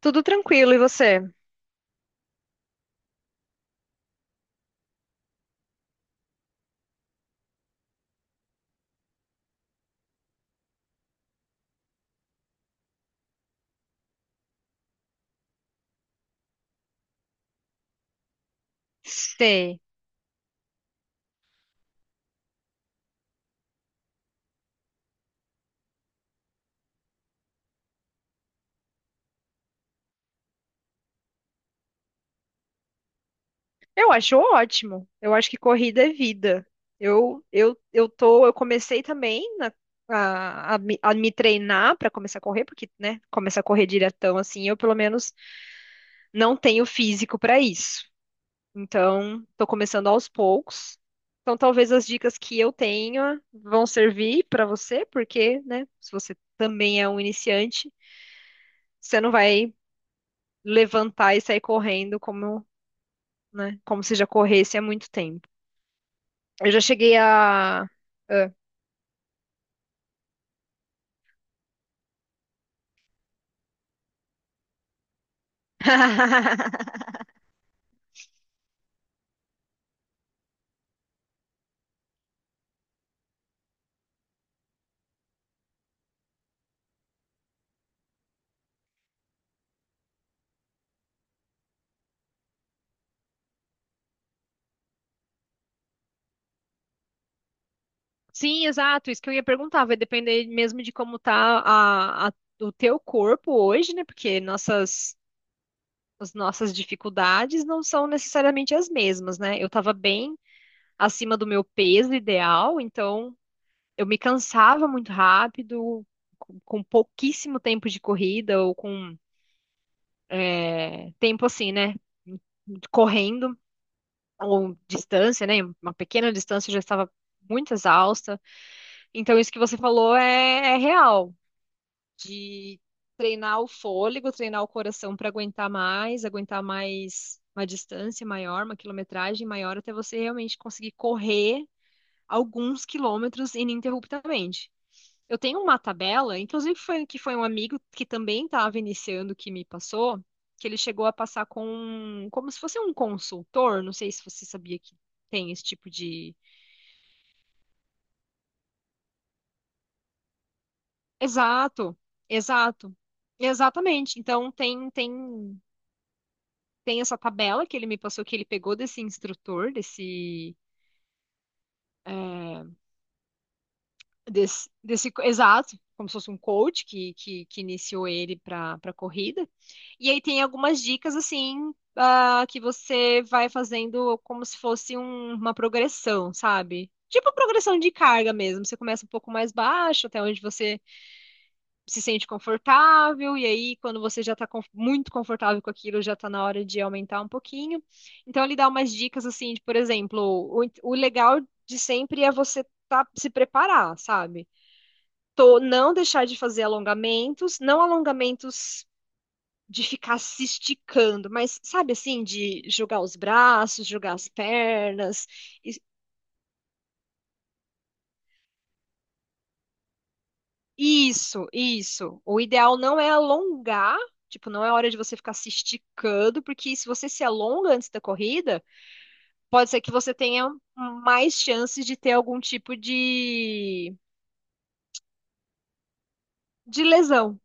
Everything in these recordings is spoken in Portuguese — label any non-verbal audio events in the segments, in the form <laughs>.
Tudo tranquilo, e você? Sei. Eu acho ótimo. Eu acho que corrida é vida. Eu comecei também a me treinar para começar a correr, porque, né, começar a correr diretão assim, eu pelo menos não tenho físico para isso. Então, tô começando aos poucos. Então, talvez as dicas que eu tenha vão servir para você, porque, né, se você também é um iniciante, você não vai levantar e sair correndo como né? Como se já corresse há muito tempo. Eu já cheguei a. Ah. <laughs> Sim, exato, isso que eu ia perguntar, vai depender mesmo de como tá o teu corpo hoje, né? Porque as nossas dificuldades não são necessariamente as mesmas, né? Eu tava bem acima do meu peso ideal, então eu me cansava muito rápido, com pouquíssimo tempo de corrida, ou com tempo assim, né? Correndo, ou distância, né? Uma pequena distância eu já estava muito exausta. Então, isso que você falou é real, de treinar o fôlego, treinar o coração para aguentar mais uma distância maior, uma quilometragem maior, até você realmente conseguir correr alguns quilômetros ininterruptamente. Eu tenho uma tabela, inclusive foi um amigo que também estava iniciando que me passou, que ele chegou a passar como se fosse um consultor, não sei se você sabia que tem esse tipo de. Exato, exato. Exatamente. Então tem essa tabela que ele me passou que ele pegou desse instrutor, desse eh, desse, desse, exato, como se fosse um coach que, que iniciou ele para corrida. E aí tem algumas dicas assim que você vai fazendo como se fosse uma progressão, sabe? Tipo progressão de carga mesmo. Você começa um pouco mais baixo, até onde você se sente confortável, e aí quando você já está muito confortável com aquilo, já está na hora de aumentar um pouquinho. Então ele dá umas dicas assim, de, por exemplo, o legal de sempre é você tá, se preparar, sabe? Tô não deixar de fazer alongamentos, não alongamentos de ficar se esticando, mas sabe assim, de jogar os braços, jogar as pernas. Is- Isso, isso. O ideal não é alongar, tipo, não é hora de você ficar se esticando, porque se você se alonga antes da corrida, pode ser que você tenha mais chances de ter algum tipo de lesão.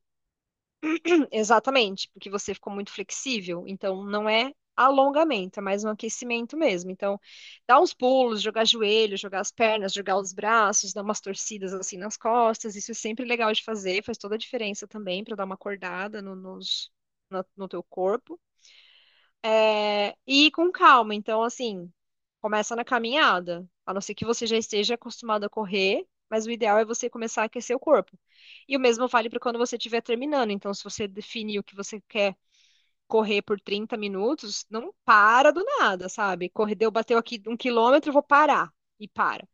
Exatamente, porque você ficou muito flexível, então não é alongamento, é mais um aquecimento mesmo. Então, dá uns pulos, jogar joelho, jogar as pernas, jogar os braços, dar umas torcidas assim nas costas, isso é sempre legal de fazer, faz toda a diferença também para dar uma acordada no teu corpo. É, e ir com calma. Então, assim, começa na caminhada. A não ser que você já esteja acostumado a correr, mas o ideal é você começar a aquecer o corpo. E o mesmo vale para quando você estiver terminando. Então, se você definiu que você quer correr por 30 minutos, não para do nada, sabe? Correu, bateu aqui um quilômetro, vou parar. E para.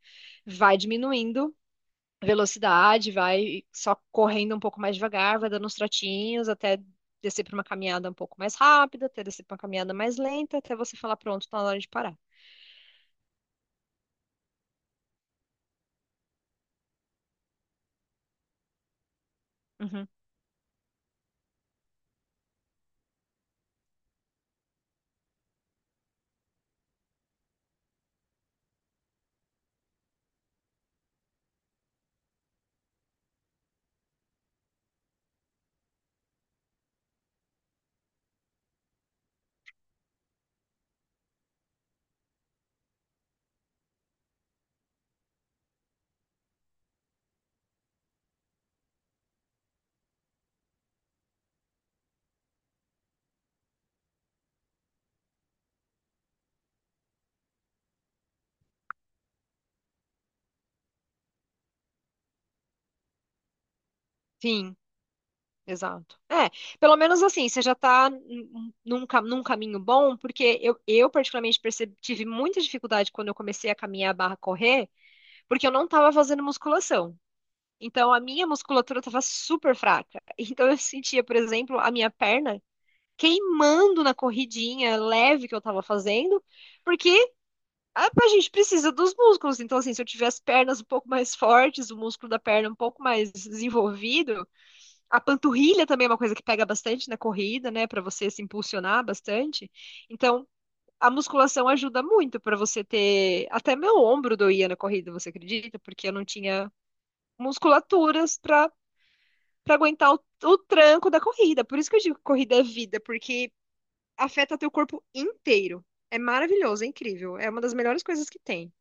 Vai diminuindo velocidade, vai só correndo um pouco mais devagar, vai dando uns trotinhos até descer para uma caminhada um pouco mais rápida, até descer para uma caminhada mais lenta, até você falar, pronto, tá na hora de parar. Uhum. Sim, exato. É, pelo menos assim, você já tá num caminho bom, porque eu particularmente percebi, tive muita dificuldade quando eu comecei a caminhar barra correr, porque eu não estava fazendo musculação. Então, a minha musculatura estava super fraca. <laughs> Então, eu sentia, por exemplo, a minha perna queimando na corridinha leve que eu tava fazendo, porque a gente precisa dos músculos. Então, assim, se eu tiver as pernas um pouco mais fortes, o músculo da perna um pouco mais desenvolvido, a panturrilha também é uma coisa que pega bastante na corrida, né, pra você se impulsionar bastante. Então, a musculação ajuda muito pra você ter. Até meu ombro doía na corrida, você acredita? Porque eu não tinha musculaturas pra para aguentar o tranco da corrida. Por isso que eu digo que corrida é vida, porque afeta teu corpo inteiro. É maravilhoso, é incrível. É uma das melhores coisas que tem.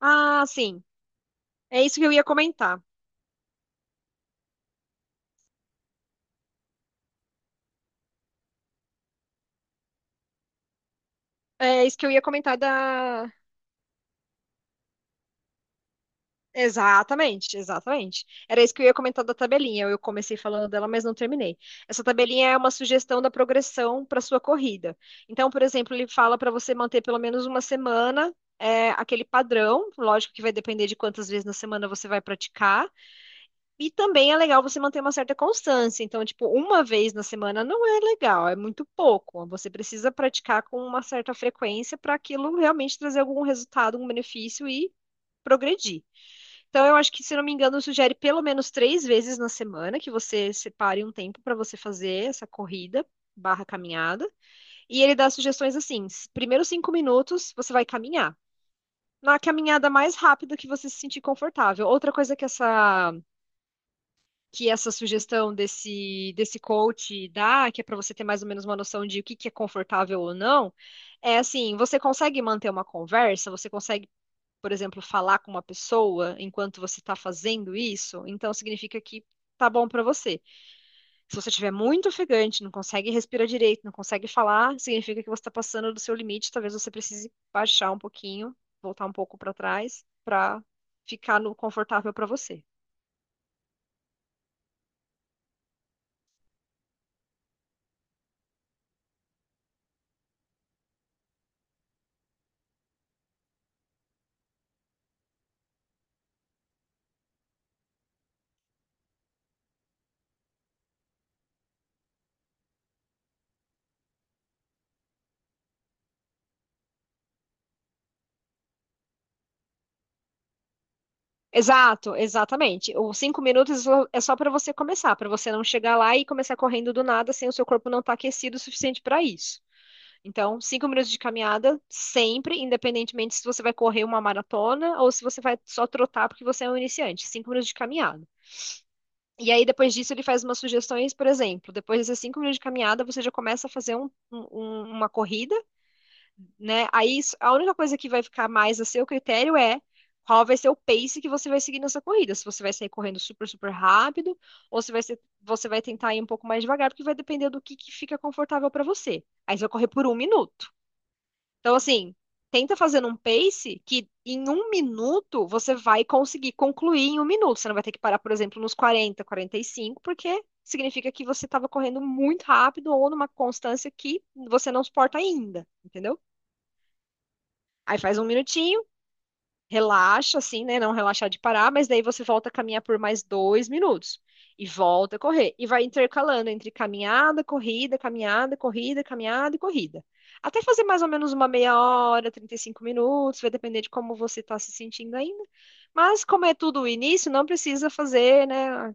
Ah, sim. É isso que eu ia comentar. É isso que eu ia comentar da. Exatamente, exatamente. Era isso que eu ia comentar da tabelinha. Eu comecei falando dela, mas não terminei. Essa tabelinha é uma sugestão da progressão para sua corrida. Então, por exemplo, ele fala para você manter pelo menos uma semana aquele padrão. Lógico que vai depender de quantas vezes na semana você vai praticar. E também é legal você manter uma certa constância. Então, tipo, uma vez na semana não é legal, é muito pouco. Você precisa praticar com uma certa frequência para aquilo realmente trazer algum resultado, algum benefício e progredir. Então, eu acho que, se não me engano, sugere pelo menos 3 vezes na semana que você separe um tempo para você fazer essa corrida barra caminhada. E ele dá sugestões assim: primeiros 5 minutos você vai caminhar. Na caminhada mais rápida que você se sentir confortável. Outra coisa que essa sugestão desse coach dá, que é para você ter mais ou menos uma noção de o que que é confortável ou não, é assim, você consegue manter uma conversa, você consegue, por exemplo, falar com uma pessoa enquanto você está fazendo isso, então significa que tá bom para você. Se você estiver muito ofegante, não consegue respirar direito, não consegue falar, significa que você está passando do seu limite, talvez você precise baixar um pouquinho, voltar um pouco para trás, para ficar no confortável para você. Exato, exatamente. Os 5 minutos é só para você começar, para você não chegar lá e começar correndo do nada sem o seu corpo não estar aquecido o suficiente para isso. Então, 5 minutos de caminhada sempre, independentemente se você vai correr uma maratona ou se você vai só trotar porque você é um iniciante. 5 minutos de caminhada. E aí, depois disso, ele faz umas sugestões, por exemplo, depois desses 5 minutos de caminhada, você já começa a fazer uma corrida né? Aí a única coisa que vai ficar mais a seu critério é qual vai ser o pace que você vai seguir nessa corrida. Se você vai sair correndo super, super rápido, ou se vai ser, você vai tentar ir um pouco mais devagar, porque vai depender do que fica confortável para você. Aí você vai correr por um minuto. Então, assim, tenta fazer um pace que em um minuto você vai conseguir concluir em um minuto. Você não vai ter que parar, por exemplo, nos quarenta e cinco porque significa que você estava correndo muito rápido ou numa constância que você não suporta ainda, entendeu? Aí faz um minutinho, relaxa, assim, né? Não relaxar de parar, mas daí você volta a caminhar por mais 2 minutos. E volta a correr. E vai intercalando entre caminhada, corrida, caminhada, corrida, caminhada e corrida. Até fazer mais ou menos uma meia hora, 35 minutos, vai depender de como você está se sentindo ainda. Mas como é tudo o início, não precisa fazer, né,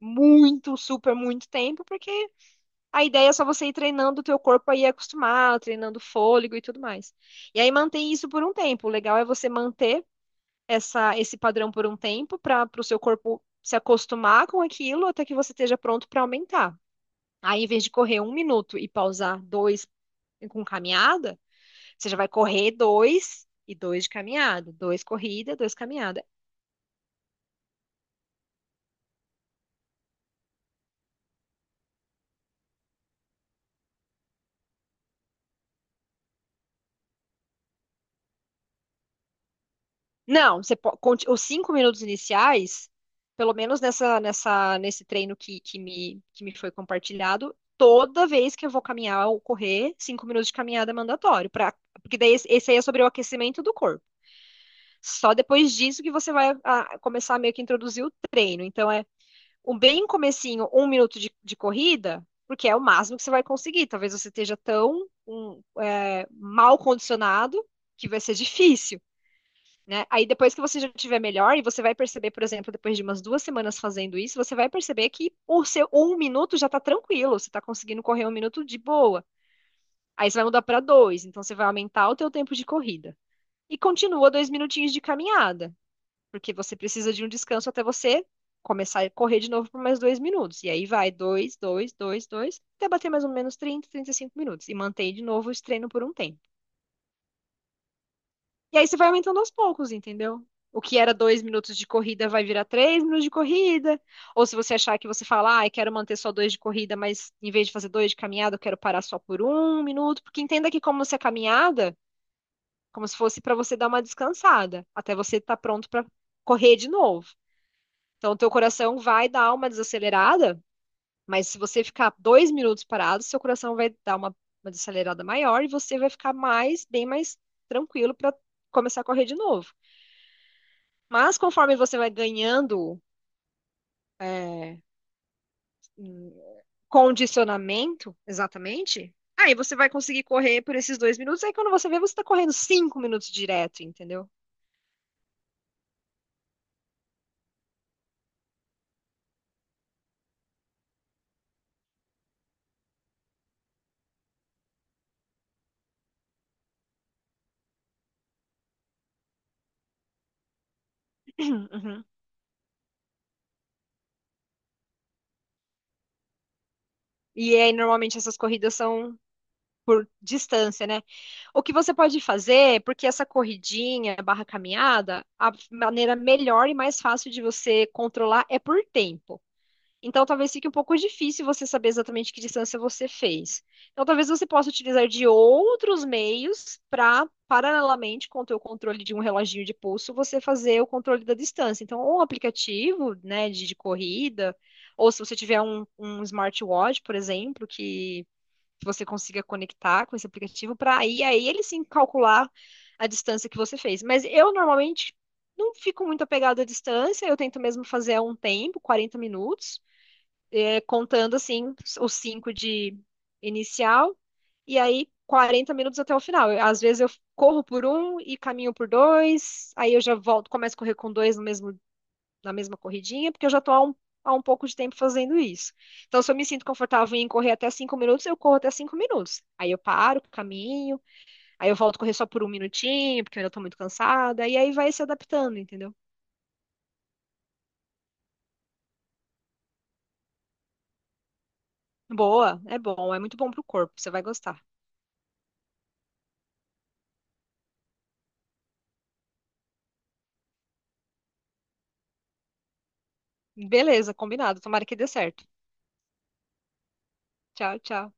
muito, super, muito tempo, porque a ideia é só você ir treinando o teu corpo aí acostumar, treinando fôlego e tudo mais. E aí mantém isso por um tempo. O legal é você manter esse padrão por um tempo para o seu corpo se acostumar com aquilo até que você esteja pronto para aumentar. Aí, em vez de correr um minuto e pausar dois com caminhada, você já vai correr dois e dois de caminhada, dois corrida, dois caminhada. Não, você os 5 minutos iniciais, pelo menos nesse treino que me foi compartilhado, toda vez que eu vou caminhar ou correr, 5 minutos de caminhada é mandatório, porque daí esse aí é sobre o aquecimento do corpo. Só depois disso que você vai começar meio que a introduzir o treino. Então é um bem comecinho, um minuto de corrida, porque é o máximo que você vai conseguir. Talvez você esteja tão mal condicionado que vai ser difícil né? Aí depois que você já tiver melhor, e você vai perceber, por exemplo, depois de umas 2 semanas fazendo isso, você vai perceber que o seu um minuto já tá tranquilo, você tá conseguindo correr um minuto de boa. Aí você vai mudar para dois, então você vai aumentar o teu tempo de corrida. E continua dois minutinhos de caminhada, porque você precisa de um descanso até você começar a correr de novo por mais 2 minutos. E aí vai dois, dois, dois, dois, até bater mais ou menos 30, 35 minutos. E mantém de novo o treino por um tempo. E aí você vai aumentando aos poucos, entendeu? O que era 2 minutos de corrida vai virar 3 minutos de corrida. Ou se você achar que você fala, ah, eu quero manter só dois de corrida, mas em vez de fazer dois de caminhada, eu quero parar só por um minuto. Porque entenda que como se fosse para você dar uma descansada, até você estar pronto para correr de novo. Então, o teu coração vai dar uma desacelerada, mas se você ficar 2 minutos parado, seu coração vai dar uma desacelerada maior e você vai ficar mais, bem mais tranquilo para começar a correr de novo. Mas conforme você vai ganhando é, hum, condicionamento, exatamente, aí você vai conseguir correr por esses 2 minutos. Aí quando você vê, você está correndo 5 minutos direto, entendeu? <clears throat> Uhum. E aí, normalmente, essas corridas são por distância, né? O que você pode fazer, porque essa corridinha barra caminhada, a maneira melhor e mais fácil de você controlar é por tempo. Então, talvez fique um pouco difícil você saber exatamente que distância você fez. Então, talvez você possa utilizar de outros meios para, paralelamente com o teu controle de um reloginho de pulso, você fazer o controle da distância. Então, ou um aplicativo, né, de corrida, ou se você tiver um smartwatch, por exemplo, que você consiga conectar com esse aplicativo para aí ele sim calcular a distância que você fez. Mas eu normalmente não fico muito apegado à distância, eu tento mesmo fazer a um tempo, 40 minutos contando assim os cinco de inicial e aí 40 minutos até o final. Às vezes eu corro por um e caminho por dois, aí eu já volto, começo a correr com dois no mesmo, na mesma corridinha, porque eu já estou há um pouco de tempo fazendo isso. Então, se eu me sinto confortável em correr até 5 minutos, eu corro até 5 minutos. Aí eu paro, caminho, aí eu volto a correr só por um minutinho, porque eu ainda estou muito cansada, e aí vai se adaptando, entendeu? Boa, é bom, é muito bom pro corpo, você vai gostar. Beleza, combinado, tomara que dê certo. Tchau, tchau.